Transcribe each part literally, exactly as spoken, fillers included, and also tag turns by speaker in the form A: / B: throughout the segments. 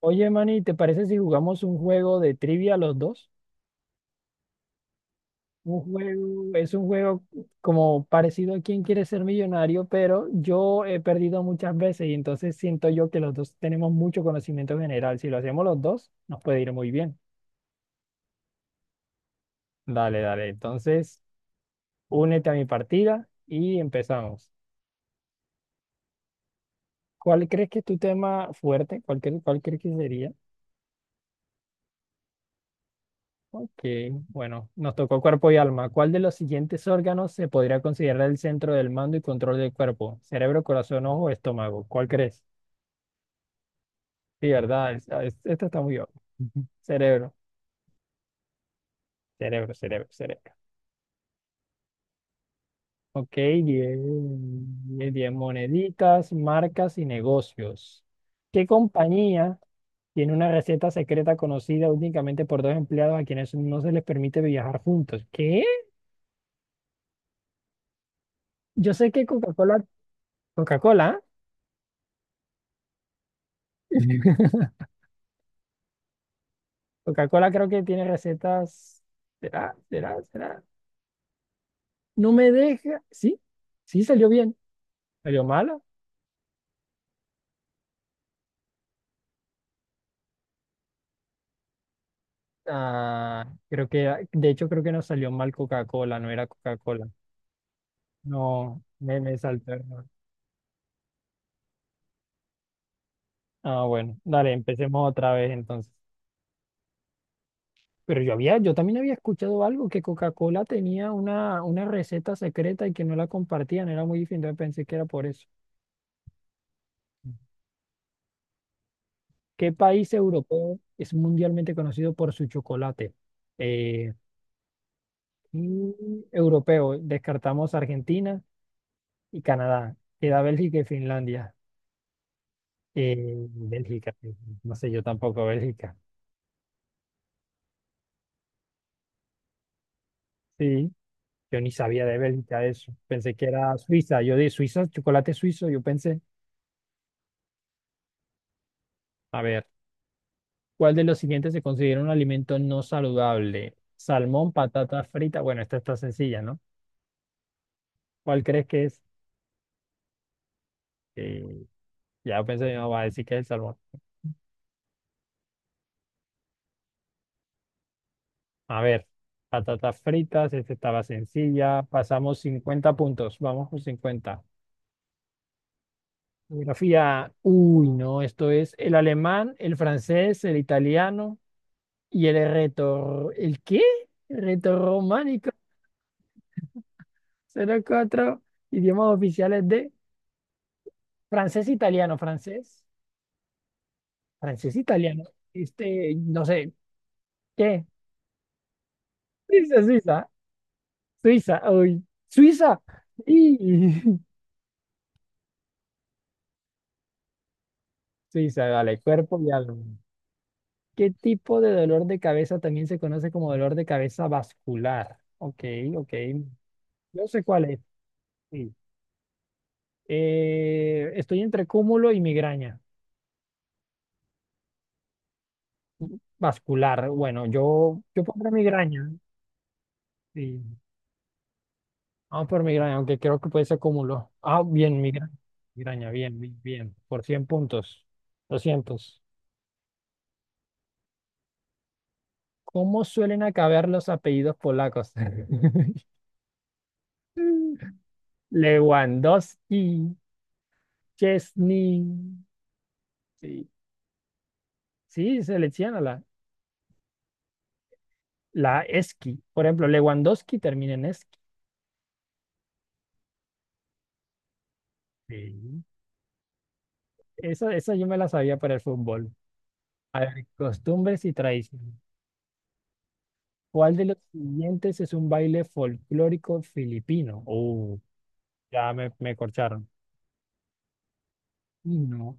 A: Oye, Manny, ¿te parece si jugamos un juego de trivia los dos? Un juego, es un juego como parecido a Quién quiere ser millonario, pero yo he perdido muchas veces y entonces siento yo que los dos tenemos mucho conocimiento general. Si lo hacemos los dos, nos puede ir muy bien. Dale, dale. Entonces, únete a mi partida y empezamos. ¿Cuál crees que es tu tema fuerte? ¿Cuál, cre- cuál crees que sería? Ok, bueno, nos tocó cuerpo y alma. ¿Cuál de los siguientes órganos se podría considerar el centro del mando y control del cuerpo? ¿Cerebro, corazón, ojo o estómago? ¿Cuál crees? Sí, ¿verdad? Es- ah, es- Esta está muy obvia. Ujú. Cerebro, cerebro, cerebro, cerebro. Ok, diez, diez moneditas, marcas y negocios. ¿Qué compañía tiene una receta secreta conocida únicamente por dos empleados a quienes no se les permite viajar juntos? ¿Qué? Yo sé que Coca-Cola, Coca-Cola. ¿Eh? Coca-Cola creo que tiene recetas. ¿Será? ¿Será? ¿Será? No me deja. Sí, sí salió bien. ¿Salió mala? Ah, creo que, de hecho, creo que no salió mal Coca-Cola, no era Coca-Cola. No, me, me saltó el. Ah, bueno, dale, empecemos otra vez entonces. Pero yo había, yo también había escuchado algo que Coca-Cola tenía una, una receta secreta y que no la compartían, era muy difícil, entonces pensé que era por eso. ¿Qué país europeo es mundialmente conocido por su chocolate? Eh, Y europeo, descartamos Argentina y Canadá. Queda Bélgica y Finlandia. Eh, Bélgica, eh, no sé, yo tampoco Bélgica. Sí, yo ni sabía de Bélgica eso. Pensé que era Suiza. Yo de Suiza, chocolate suizo, yo pensé, a ver, ¿cuál de los siguientes se considera un alimento no saludable? Salmón, patata frita. Bueno, esta está sencilla, ¿no? ¿Cuál crees que es? Eh, ya pensé, no, va a decir que es el salmón. A ver, patatas fritas, esta estaba sencilla. Pasamos cincuenta puntos, vamos con cincuenta. Geografía, uy, no, esto es el alemán, el francés, el italiano y el reto. ¿El qué? Retorrománico. Son los cuatro idiomas oficiales de francés, e italiano, francés, francés, e italiano. Este, no sé, ¿qué? Suiza, Suiza, Suiza, uy, Suiza. Y... Suiza, dale, cuerpo y alma. ¿Qué tipo de dolor de cabeza también se conoce como dolor de cabeza vascular? Ok, ok. Yo sé cuál es. Sí. Eh, estoy entre cúmulo y migraña. Vascular. Bueno, yo, yo pondré migraña. Sí. Vamos por migraña, aunque creo que puede ser cúmulo. Ah, bien, migraña. Migraña, bien, bien, bien. Por cien puntos. Doscientos. ¿Cómo suelen acabar los apellidos polacos? Lewandowski, Chesney. Sí. Sí, selecciona la, la ESKI. Por ejemplo, Lewandowski termina en ESKI. Sí. Esa, esa yo me la sabía para el fútbol. A ver, costumbres y tradiciones. ¿Cuál de los siguientes es un baile folclórico filipino? Oh, ya me, me corcharon. Y no.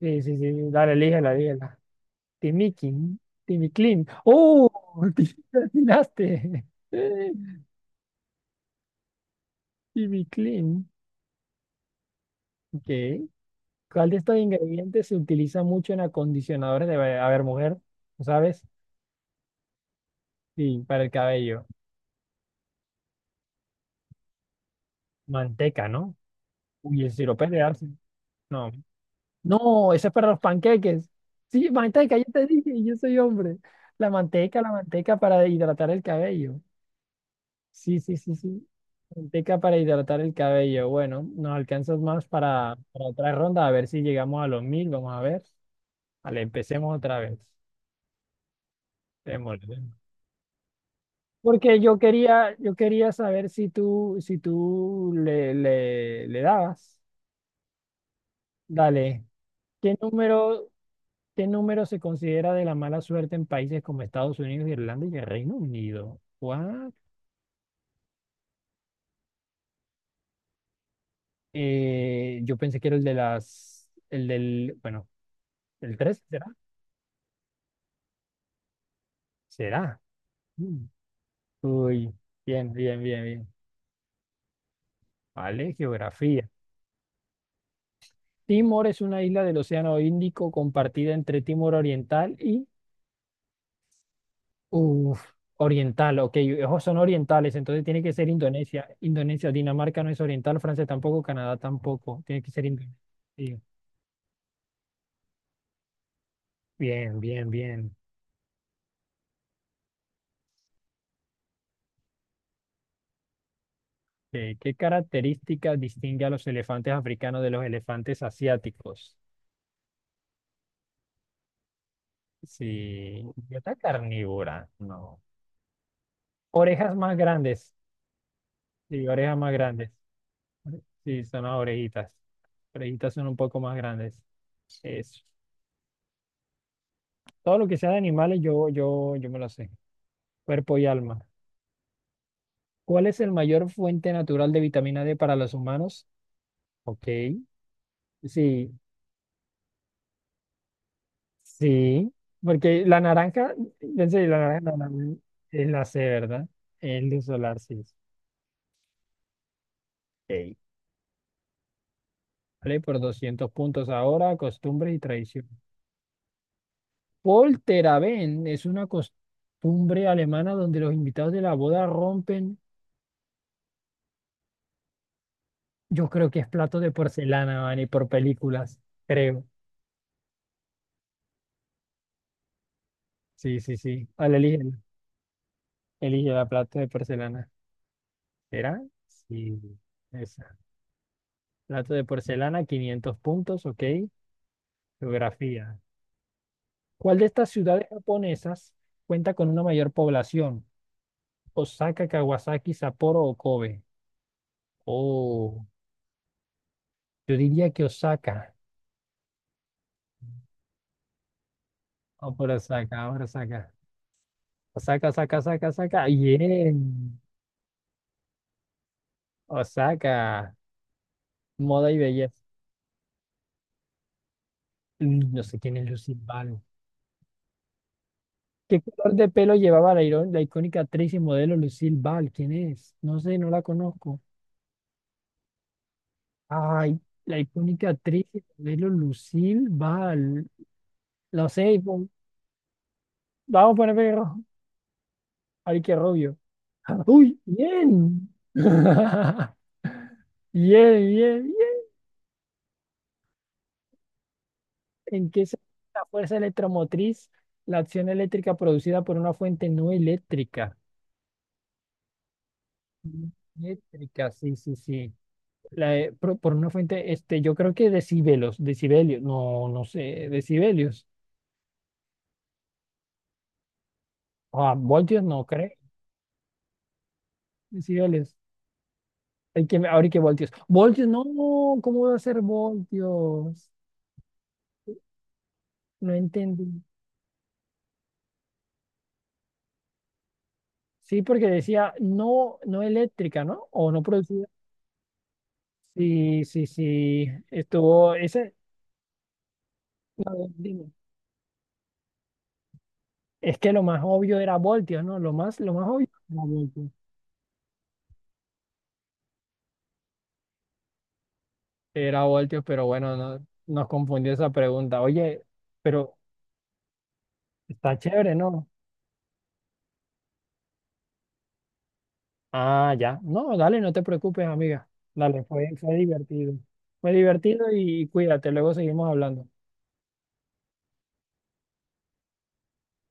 A: Sí, sí, sí. Dale, elígela, elígela. Timikin. Timiclin. ¡Oh! Te atinaste. Timiclin. Ok. ¿Cuál de estos ingredientes se utiliza mucho en acondicionadores de, a ver, mujer, ¿lo sabes? Sí, para el cabello. Manteca, ¿no? Uy, el sirope de arce. No. No, ese es para los panqueques. Sí, manteca, yo te dije, yo soy hombre. La manteca, la manteca para hidratar el cabello. Sí, sí, sí, sí. Manteca para hidratar el cabello. Bueno, nos alcanzas más para, para otra ronda, a ver si llegamos a los mil. Vamos a ver. Vale, empecemos otra vez. Démosle. Porque yo quería, yo quería saber si tú, si tú le, le, le dabas. Dale. ¿Qué número, qué número se considera de la mala suerte en países como Estados Unidos, Irlanda y el Reino Unido? What? Eh, yo pensé que era el de las, el del, bueno, el tres, ¿será? ¿Será? Mm. Uy, bien, bien, bien, bien. Vale, geografía. Timor es una isla del Océano Índico compartida entre Timor Oriental y... Uf, oriental, ok, ojos son orientales, entonces tiene que ser Indonesia. Indonesia, Dinamarca no es oriental, Francia tampoco, Canadá tampoco, tiene que ser Indonesia. Sí, bien, bien, bien. Eh, ¿Qué características distingue a los elefantes africanos de los elefantes asiáticos? Sí, dieta carnívora, no. Orejas más grandes, sí, orejas más grandes, sí, son las orejitas. Orejitas son un poco más grandes. Es, todo lo que sea de animales, yo, yo, yo me lo sé. Cuerpo y alma. ¿Cuál es el mayor fuente natural de vitamina D para los humanos? Ok, sí, sí, porque la naranja, pensé, la naranja no, la- naranja es la C, ¿verdad? El de solar, sí. Ok, vale, por doscientos puntos ahora, costumbres y tradición. Polterabend es una costumbre alemana donde los invitados de la boda rompen, yo creo que es plato de porcelana, man, y por películas, creo. Sí, sí, sí. Vale, elige, elige la plato de porcelana. ¿Era? Sí, esa. Plato de porcelana, quinientos puntos, ok. Geografía. ¿Cuál de estas ciudades japonesas cuenta con una mayor población? Osaka, Kawasaki, Sapporo o Kobe. Oh, yo diría que Osaka. O por Osaka, por Osaka. Osaka, Osaka, Osaka, Osaka. Bien. Osaka. Moda y belleza. Mm, no sé quién es Lucille Ball. ¿Qué color de pelo llevaba la, iro- la icónica actriz y modelo Lucille Ball? ¿Quién es? No sé, no la conozco. Ay, la icónica actriz Isabel Lucille va al... No sé, pon- vamos a poner pelirrojo. Ay, qué rubio. Uy, bien. Bien, bien, bien. ¿En qué se la fuerza electromotriz? La acción eléctrica producida por una fuente no eléctrica. No eléctrica, sí, sí, sí. La, eh, pro- por, una fuente, este, yo creo que decibelios, decibelios, no, no sé, decibelios. Ah, voltios no creo, decibelios. Hay que, ahora hay que voltios. Voltios, no, ¿cómo va a ser voltios? No entendí. Sí, porque decía no, no eléctrica, ¿no? O no producida. Sí, sí, sí. Estuvo, ese, a ver, dime. Es que lo más obvio era voltios, ¿no? Lo más, lo más obvio era voltios. Era voltios, pero bueno, no, nos confundió esa pregunta. Oye, pero está chévere, ¿no? Ah, ya. No, dale, no te preocupes, amiga. Dale, fue, fue divertido. Fue divertido y cuídate, luego seguimos hablando.